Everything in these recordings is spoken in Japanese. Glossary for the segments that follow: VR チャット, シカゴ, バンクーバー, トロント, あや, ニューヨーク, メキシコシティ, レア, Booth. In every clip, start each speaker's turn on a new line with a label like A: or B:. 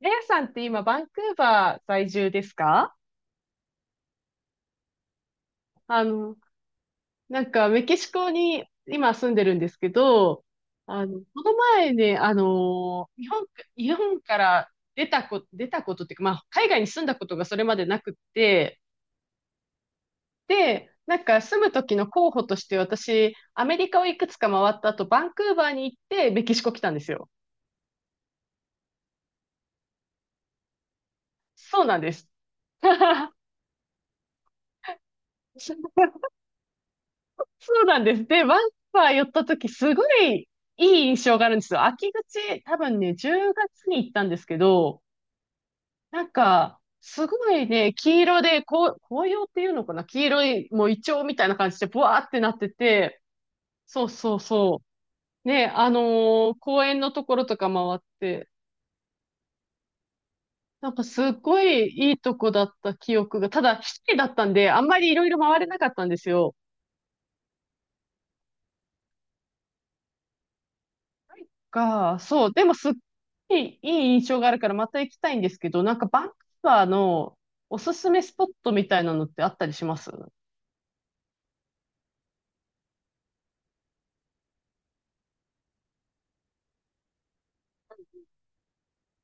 A: レアさんって今、バンクーバー在住ですか？あの、なんか、メキシコに今住んでるんですけど、この前ね、日本、日本から出たことっていうか、まあ、海外に住んだことがそれまでなくって、で、なんか住む時の候補として私、アメリカをいくつか回った後、バンクーバーに行って、メキシコ来たんですよ。そうなんです。そうなんです。で、ワンパー寄った時、すごいいい印象があるんですよ。秋口、多分ね、10月に行ったんですけど、なんか、すごいね、黄色で、こう、紅葉っていうのかな、黄色い、もうイチョウみたいな感じで、ブワーってなってて、そうそうそう。ね、あのー公園のところとか回って、なんかすっごいいいとこだった記憶が、ただ、一人だったんで、あんまりいろいろ回れなかったんですよ。そう、でもすっごいいい印象があるからまた行きたいんですけど、なんかバンクーバーのおすすめスポットみたいなのってあったりします？うん、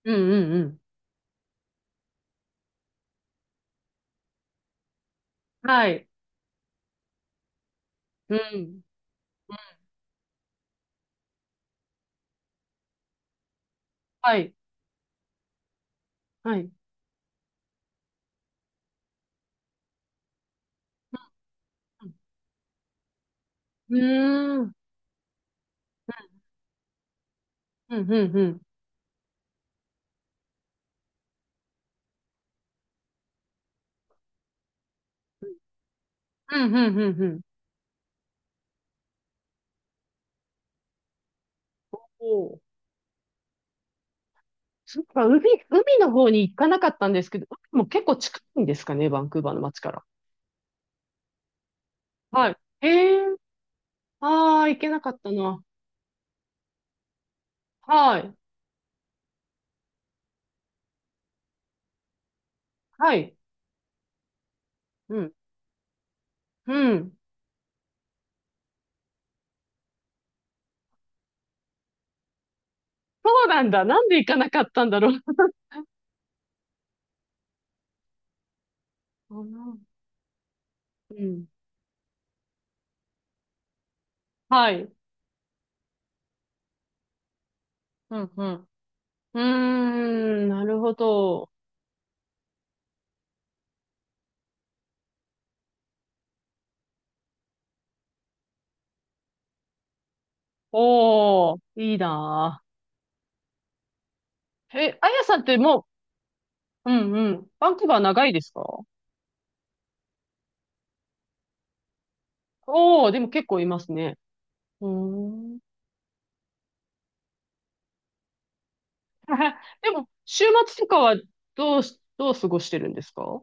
A: うん、うん。はい。うん。はい。はい。うん。うーん。うん、うん、うん。うん、うん、うん、うん。おー、そっか。海の方に行かなかったんですけど、海も結構近いんですかね、バンクーバーの街から。はい。へえ、ああ、行けなかったな。はい。はい。うん。うん。そうなんだ。なんで行かなかったんだろう。うん。うん。はい。うん、うん。うーん、なるほど。おー、いいなぁ。え、あやさんってもう、うん、うん。バンクーバー長いですか？おー、でも結構いますね。うーん。でも、週末とかはどう過ごしてるんですか？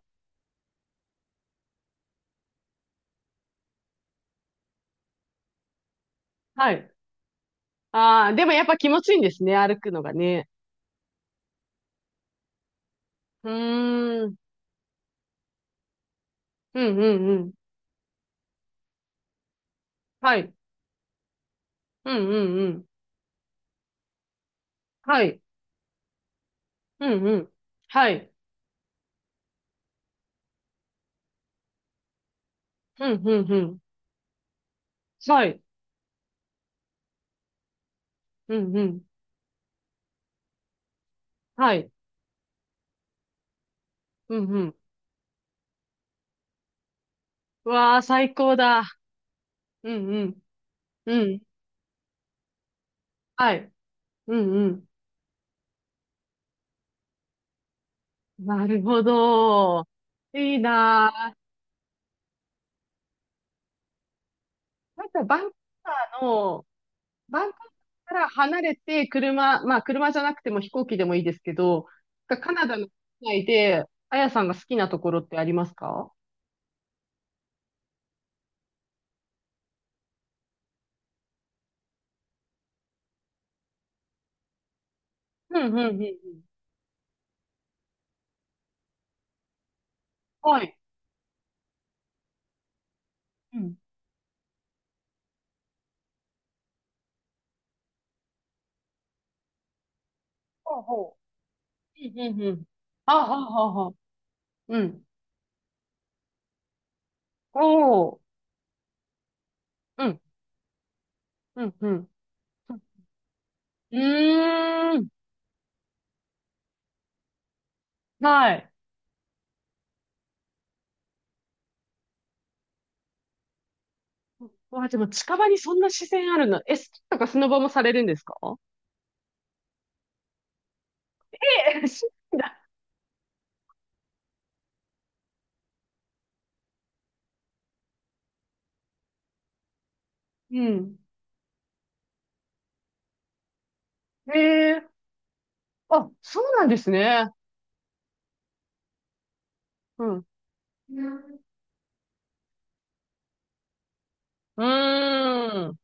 A: はい。ああ、でもやっぱ気持ちいいんですね、歩くのがね。うーん。うん、うん、うん。はい。うん、うん、うん。はい。うん、うん。はい。うん、うん、うん。はい。うん、うん。はい。うん、うん。うわあ、最高だ。うん、うん。うん。はい。うん、うん。なるほど。いいなあ。なんか、バーの、バンクーバーから離れて、まあ、車じゃなくても飛行機でもいいですけど、がカナダの国内で、あやさんが好きなところってありますか？うん、うん、うん。うん。はい。うん。ほうほう。うん、うん、うん。あ、はあ、はあ、はあ。うん。おー。うん。うん、うん。うーん。はい。わあ、でも近場にそんな自然あるの。え、スキーとかスノボもされるんですか？え、し、だ。うん。ええ、あ、そうなんですね。うん。うん、うーん。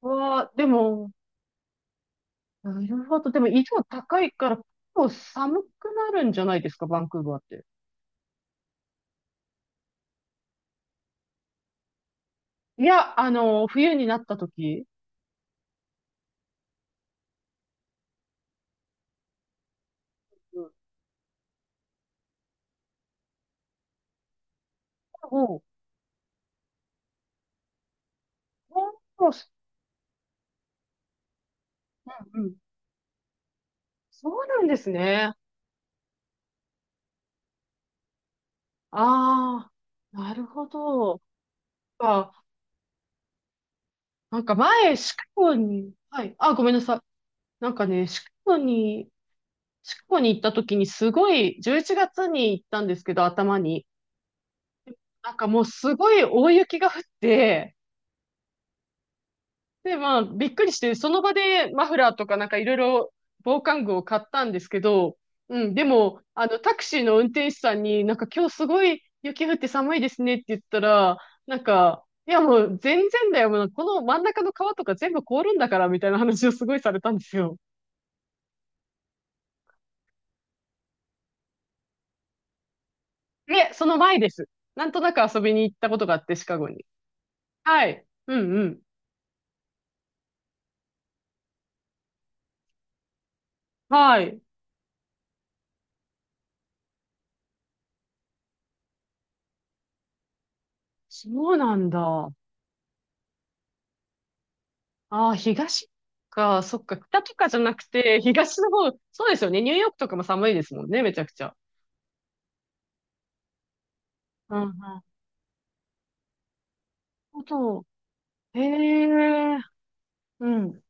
A: わあ、でも、なるほど。でも、緯度高いから、結構寒くなるんじゃないですか、バンクーバーって。いや、冬になった時。うん。おう、おう、そう、うん。そうなんですね。ああ、なるほど。か、なんか前、シカゴに、はい、あ、ごめんなさい。なんかね、シカゴに行った時にすごい、11月に行ったんですけど、頭に。なんかもうすごい大雪が降って、で、まあ、びっくりして、その場でマフラーとかなんかいろいろ防寒具を買ったんですけど、うん、でも、タクシーの運転手さんになんか今日すごい雪降って寒いですねって言ったら、なんか、いやもう全然だよ、もうこの真ん中の川とか全部凍るんだからみたいな話をすごいされたんですよ。で、その前です。なんとなく遊びに行ったことがあって、シカゴに。はい。うん、うん。はい。そうなんだ。ああ、東か、そっか、北とかじゃなくて、東の方、そうですよね。ニューヨークとかも寒いですもんね、めちゃくちゃ。うん、うん。なるほど。へえ、うん。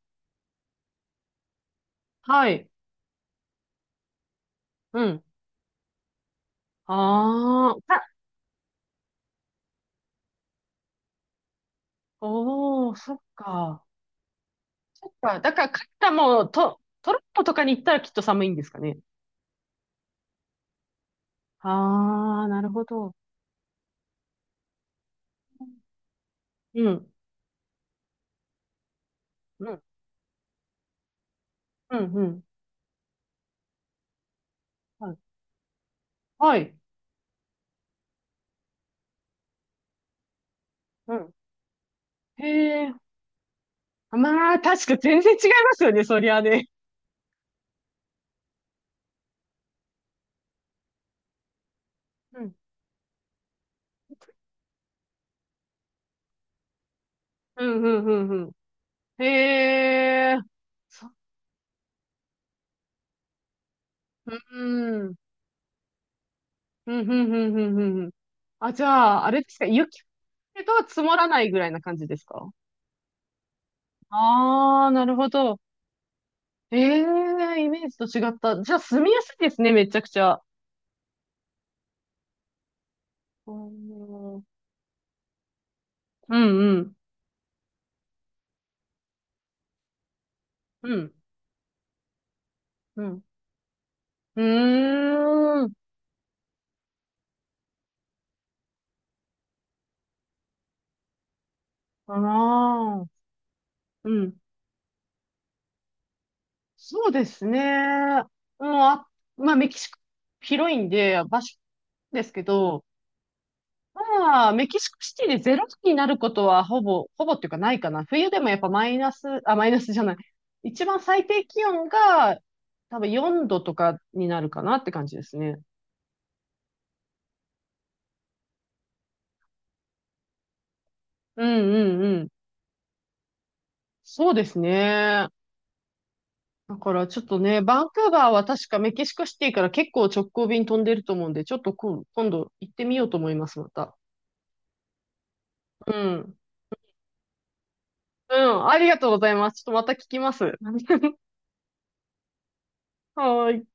A: はい。うん。ああ、あ、おー、そっか。そっか。だから、カナダも、トロントとかに行ったらきっと寒いんですかね。ああ、なるほど。うん、うん、うん、うん。はい。はい。うん。へえ。まあ、確か全然違いますよね、そりゃね。うん、うん、うん、うん。うん。へえ、そう。うん、うん、うん、うん、うん、うん。あ、じゃあ、あれですか、雪が積もらないぐらいな感じですか？ああ、なるほど。ええ、イメージと違った。じゃあ、住みやすいですね、めちゃくちゃ。うん、うん、うん、うん。うん、うーん。ああ、うん。そうですね。もう、あ、まあ、メキシコ広いんで、場所ですけど、まあ、メキシコシティでゼロ度になることはほぼ、ほぼっていうか、ないかな。冬でもやっぱマイナス、あ、マイナスじゃない。一番最低気温が多分4度とかになるかなって感じですね。うん、うん、うん。そうですね。だからちょっとね、バンクーバーは確かメキシコシティから結構直行便飛んでると思うんで、ちょっと今度行ってみようと思います、また。うん。うん、ありがとうございます。ちょっとまた聞きます。はーい。